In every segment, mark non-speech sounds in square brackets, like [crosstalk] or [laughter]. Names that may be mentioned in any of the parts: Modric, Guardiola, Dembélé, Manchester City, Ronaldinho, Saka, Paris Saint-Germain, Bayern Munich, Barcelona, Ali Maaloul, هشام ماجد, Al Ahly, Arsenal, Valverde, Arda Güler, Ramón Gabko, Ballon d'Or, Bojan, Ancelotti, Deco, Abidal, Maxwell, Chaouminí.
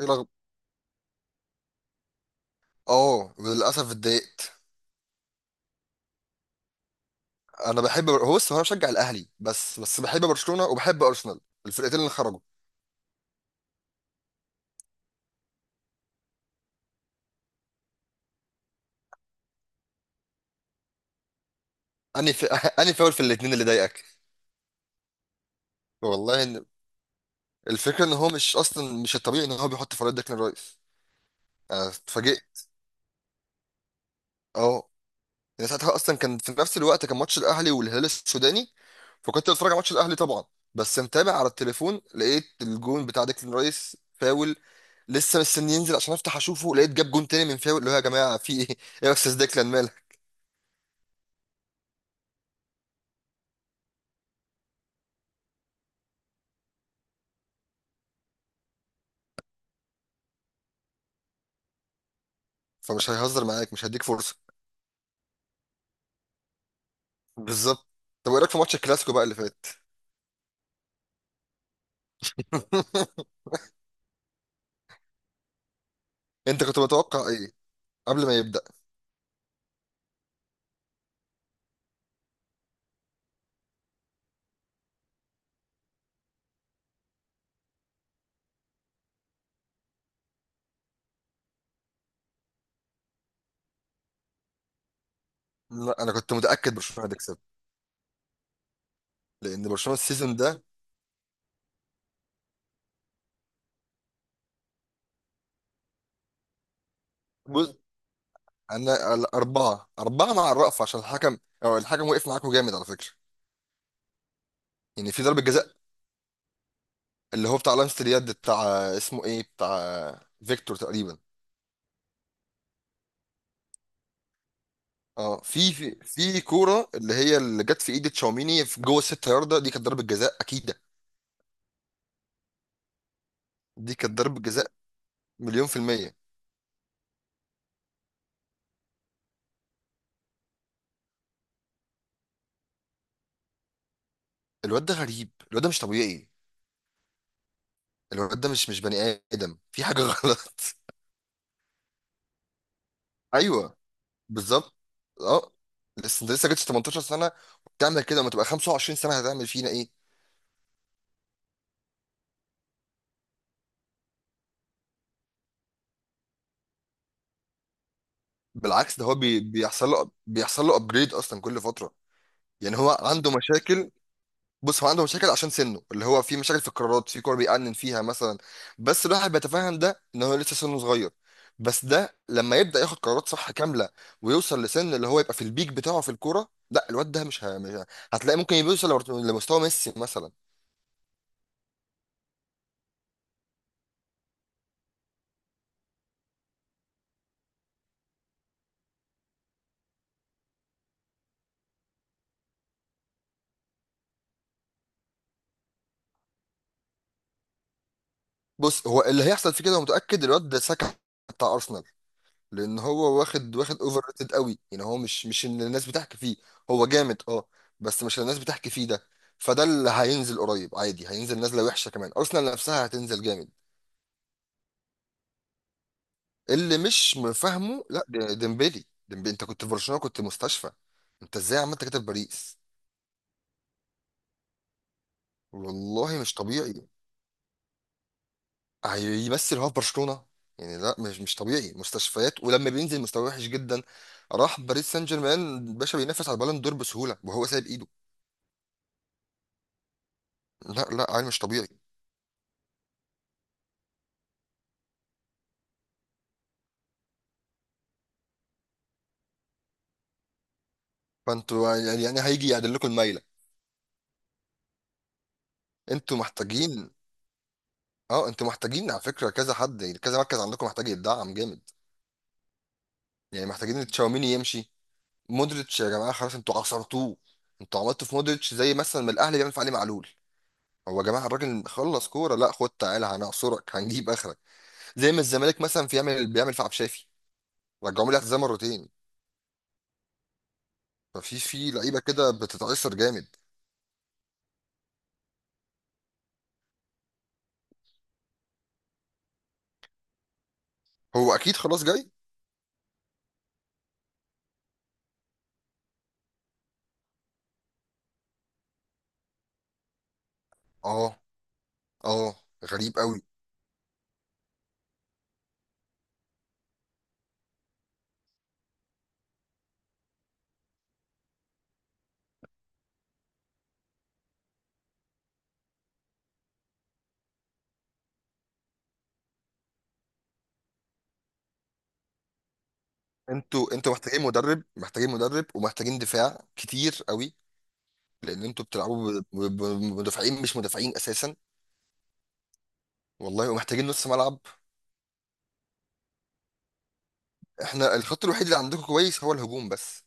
ايه رغم؟ اه، للاسف اتضايقت. هو بص انا بشجع الاهلي، بس بحب برشلونه وبحب ارسنال، الفرقتين اللي خرجوا. انهي في... [laughs] انهي فاول في الاثنين اللي ضايقك؟ والله إن... الفكره ان هو مش الطبيعي ان هو بيحط فريق ديكلان رايس. انا اتفاجئت، اه. يعني ساعتها اصلا كان في نفس الوقت كان ماتش الاهلي والهلال السوداني، فكنت بتفرج على ماتش الاهلي طبعا، بس متابع على التليفون، لقيت الجون بتاع ديكلان رايس فاول. لسه مستني ينزل عشان افتح اشوفه، لقيت جاب جون تاني من فاول، اللي هو يا جماعه في ايه ايه؟ يا استاذ ديكلان، مالك؟ فمش هيهزر معاك، مش هيديك فرصه. بالظبط. طب ايه رايك في ماتش الكلاسيكو بقى اللي فات؟ [laughs] انت كنت متوقع ايه قبل ما يبدا؟ لا، انا كنت متاكد برشلونه هتكسب لان برشلونه السيزون ده. بص، انا اربعه اربعه مع الرأفة عشان الحكم. او الحكم وقف معاكم جامد على فكره. يعني في ضربه جزاء، اللي هو بتاع لمسه اليد، بتاع اسمه ايه، بتاع فيكتور تقريبا. اه، في كوره اللي هي اللي جت في ايد تشاوميني في جوه الست ياردة، دي كانت ضربه جزاء اكيده. دي كانت ضربه جزاء، مليون في المية. الواد ده غريب، الواد ده مش طبيعي، الواد ده مش بني ادم، في حاجه [laughs] غلط. ايوه، بالظبط، اه. لسه انت لسه جبتش 18 سنه، وبتعمل كده، لما تبقى 25 سنه هتعمل فينا ايه؟ بالعكس، ده هو بيحصل له ابجريد اصلا كل فتره. يعني هو عنده مشاكل. بص، هو عنده مشاكل عشان سنه، اللي هو في مشاكل في القرارات في كور بيأنن فيها مثلا، بس الواحد بيتفهم ده ان هو لسه سنه صغير. بس ده لما يبدأ ياخد قرارات صح كاملة ويوصل لسن اللي هو يبقى في البيك بتاعه في الكورة، لا الواد ده مش ه- مش ه- هتلاقي ممكن يوصل لمستوى ميسي مثلا. بص، هو اللي هيحصل فيه كده متأكد الواد ده ساكا بتاع أرسنال. لان هو واخد اوفر ريتد قوي، يعني هو مش اللي الناس بتحكي فيه. هو جامد، اه، بس مش اللي الناس بتحكي فيه ده، فده اللي هينزل قريب عادي، هينزل نازله وحشه، كمان ارسنال نفسها هتنزل جامد. اللي مش فاهمه، لا، ديمبلي انت كنت في برشلونه كنت مستشفى، انت ازاي عملت كده في باريس؟ والله مش طبيعي. هيمثل هو في برشلونه؟ يعني لا، مش طبيعي مستشفيات، ولما بينزل مستواه وحش جدا، راح باريس سان جيرمان باشا بينافس على البالون دور بسهوله وهو سايب ايده. لا لا، عيل مش طبيعي. فانتوا يعني هيجي يعدل لكم المايله. انتوا محتاجين، اه انتوا محتاجين، على فكره كذا حد، يعني كذا مركز عندكم محتاج يتدعم جامد. يعني محتاجين تشاوميني يمشي، مودريتش يا جماعه خلاص انتوا عصرتوه. انتوا عملتوا في مودريتش زي مثلا ما الاهلي بيعمل في علي معلول. هو يا جماعه الراجل خلص كوره، لا خد تعالى هنعصرك هنجيب اخرك. زي ما الزمالك مثلا في يعمل بيعمل في عبد الشافي، رجعوه لي اعتزال مرتين. ففي في لعيبه كده بتتعصر جامد. هو اكيد خلاص جاي. اه، اه، غريب قوي. انتوا محتاجين مدرب، محتاجين مدرب ومحتاجين دفاع كتير قوي. لان انتوا بتلعبوا بمدافعين مش مدافعين اساسا. والله ومحتاجين نص ملعب. احنا الخط الوحيد اللي عندكم كويس هو الهجوم بس.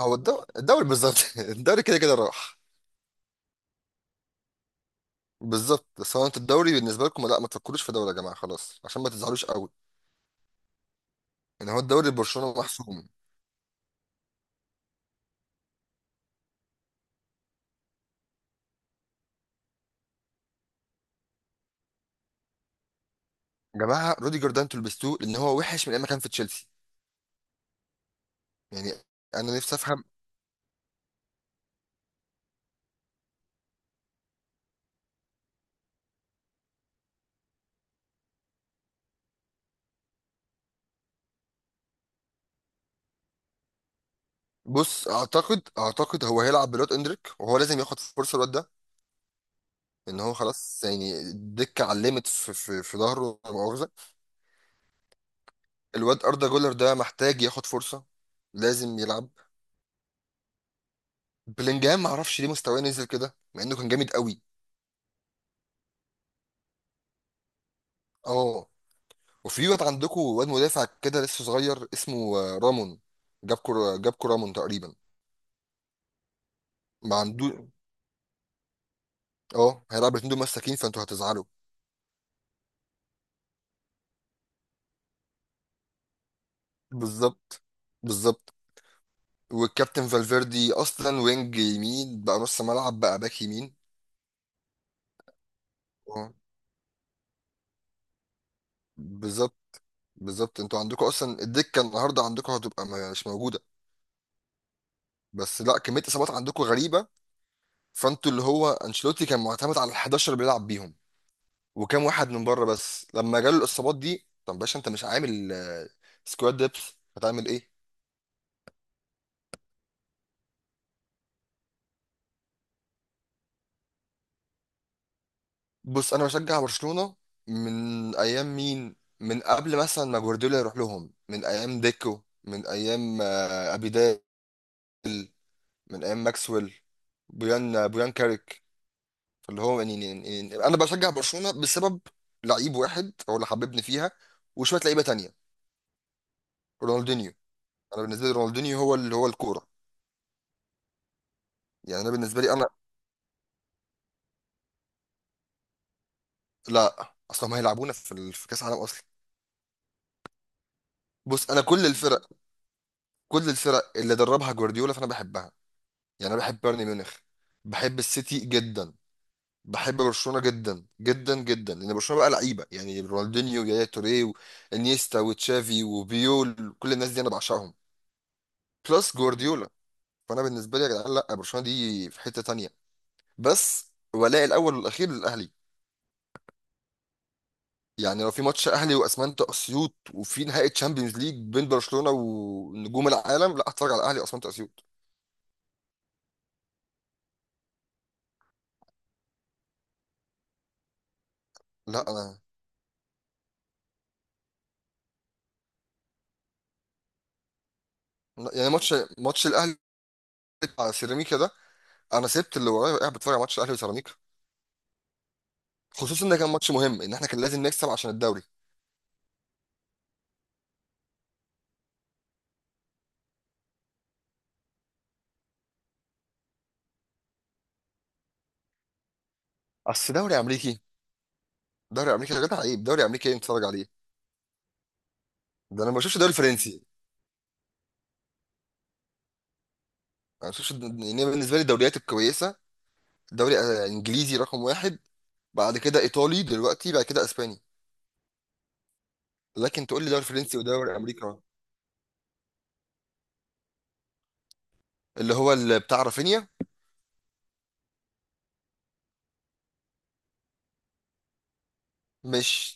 هو الدوري بالظبط. [laughs] الدوري كده كده راح. بالظبط، بس هو انتوا الدوري بالنسبه لكم لا، ما تفكروش في دوري يا جماعه خلاص عشان ما تزعلوش قوي. ان هو الدوري برشلونه محسوم. يا جماعه روديجر ده انتوا لبستوه، لان هو وحش من ايام ما كان في تشيلسي. يعني انا نفسي افهم. بص، اعتقد هو هيلعب بالواد اندريك، وهو لازم ياخد فرصه الواد ده. ان هو خلاص يعني الدكه علمت في ظهره، لا مؤاخذه. الواد اردا جولر ده محتاج ياخد فرصه، لازم يلعب. بلينجهام ما اعرفش ليه مستواه نزل كده مع انه كان جامد قوي. اه. وفي واد عندكم، واد مدافع كده لسه صغير، اسمه رامون. جابكو رامون تقريبا. ما عنده. اه هيلعب الاتنين دول مساكين، فانتوا هتزعلوا. بالظبط، بالظبط. والكابتن فالفيردي اصلا وينج يمين بقى نص ملعب بقى باك يمين. اه بالظبط، بالظبط. انتوا عندكم اصلا الدكه النهارده عندكم هتبقى مش موجوده، بس لا كميه اصابات عندكم غريبه. فانتوا اللي هو انشيلوتي كان معتمد على ال 11 اللي بيلعب بيهم، وكام واحد من بره بس، لما جاله الاصابات دي طب باشا انت مش عامل سكواد ديبس، هتعمل ايه؟ بص انا بشجع برشلونه من ايام مين؟ من قبل مثلا ما جوارديولا يروح لهم، من ايام ديكو، من ايام ابيدال، من ايام ماكسويل، بويان، بويان كاريك، اللي هو يعني يعني انا بشجع برشلونه بسبب لعيب واحد هو اللي حببني فيها، وشويه لعيبه تانية، رونالدينيو. انا بالنسبه لي رونالدينيو هو اللي هو الكوره. يعني انا بالنسبه لي انا لا اصلا، ما هيلعبونا في في كاس العالم اصلا. بص انا كل الفرق، كل الفرق اللي دربها جوارديولا فانا بحبها. يعني انا بحب بايرن ميونخ، بحب السيتي جدا، بحب برشلونه جدا جدا جدا، لان برشلونه بقى لعيبه، يعني رونالدينيو ويايا توريه وانيستا وتشافي وبيول، كل الناس دي انا بعشقهم. بلس جوارديولا. فانا بالنسبه لي يا جدعان لا برشلونه دي في حته تانية، بس ولاء الاول والاخير للاهلي. يعني لو في ماتش اهلي واسمنت اسيوط وفي نهائي تشامبيونز ليج بين برشلونه ونجوم العالم، لا اتفرج على الاهلي واسمنت اسيوط. لا انا، لا، يعني ماتش الاهلي بتاع سيراميكا ده، انا سبت اللي ورايا وقاعد بتفرج على ماتش الاهلي وسيراميكا، خصوصا ان ده كان ماتش مهم، ان احنا كان لازم نكسب عشان الدوري. اصل دوري امريكي، دوري امريكي يا جدع عيب، دوري امريكي ايه نتفرج عليه؟ ده انا ما بشوفش دوري فرنسي. انا ما بشوفش، يعني بالنسبه لي الدوريات الكويسه دوري انجليزي رقم واحد، بعد كده ايطالي دلوقتي، بعد كده اسباني. لكن تقول لي دوري فرنسي ودوري امريكا؟ اللي هو اللي بتاع رافينيا. مش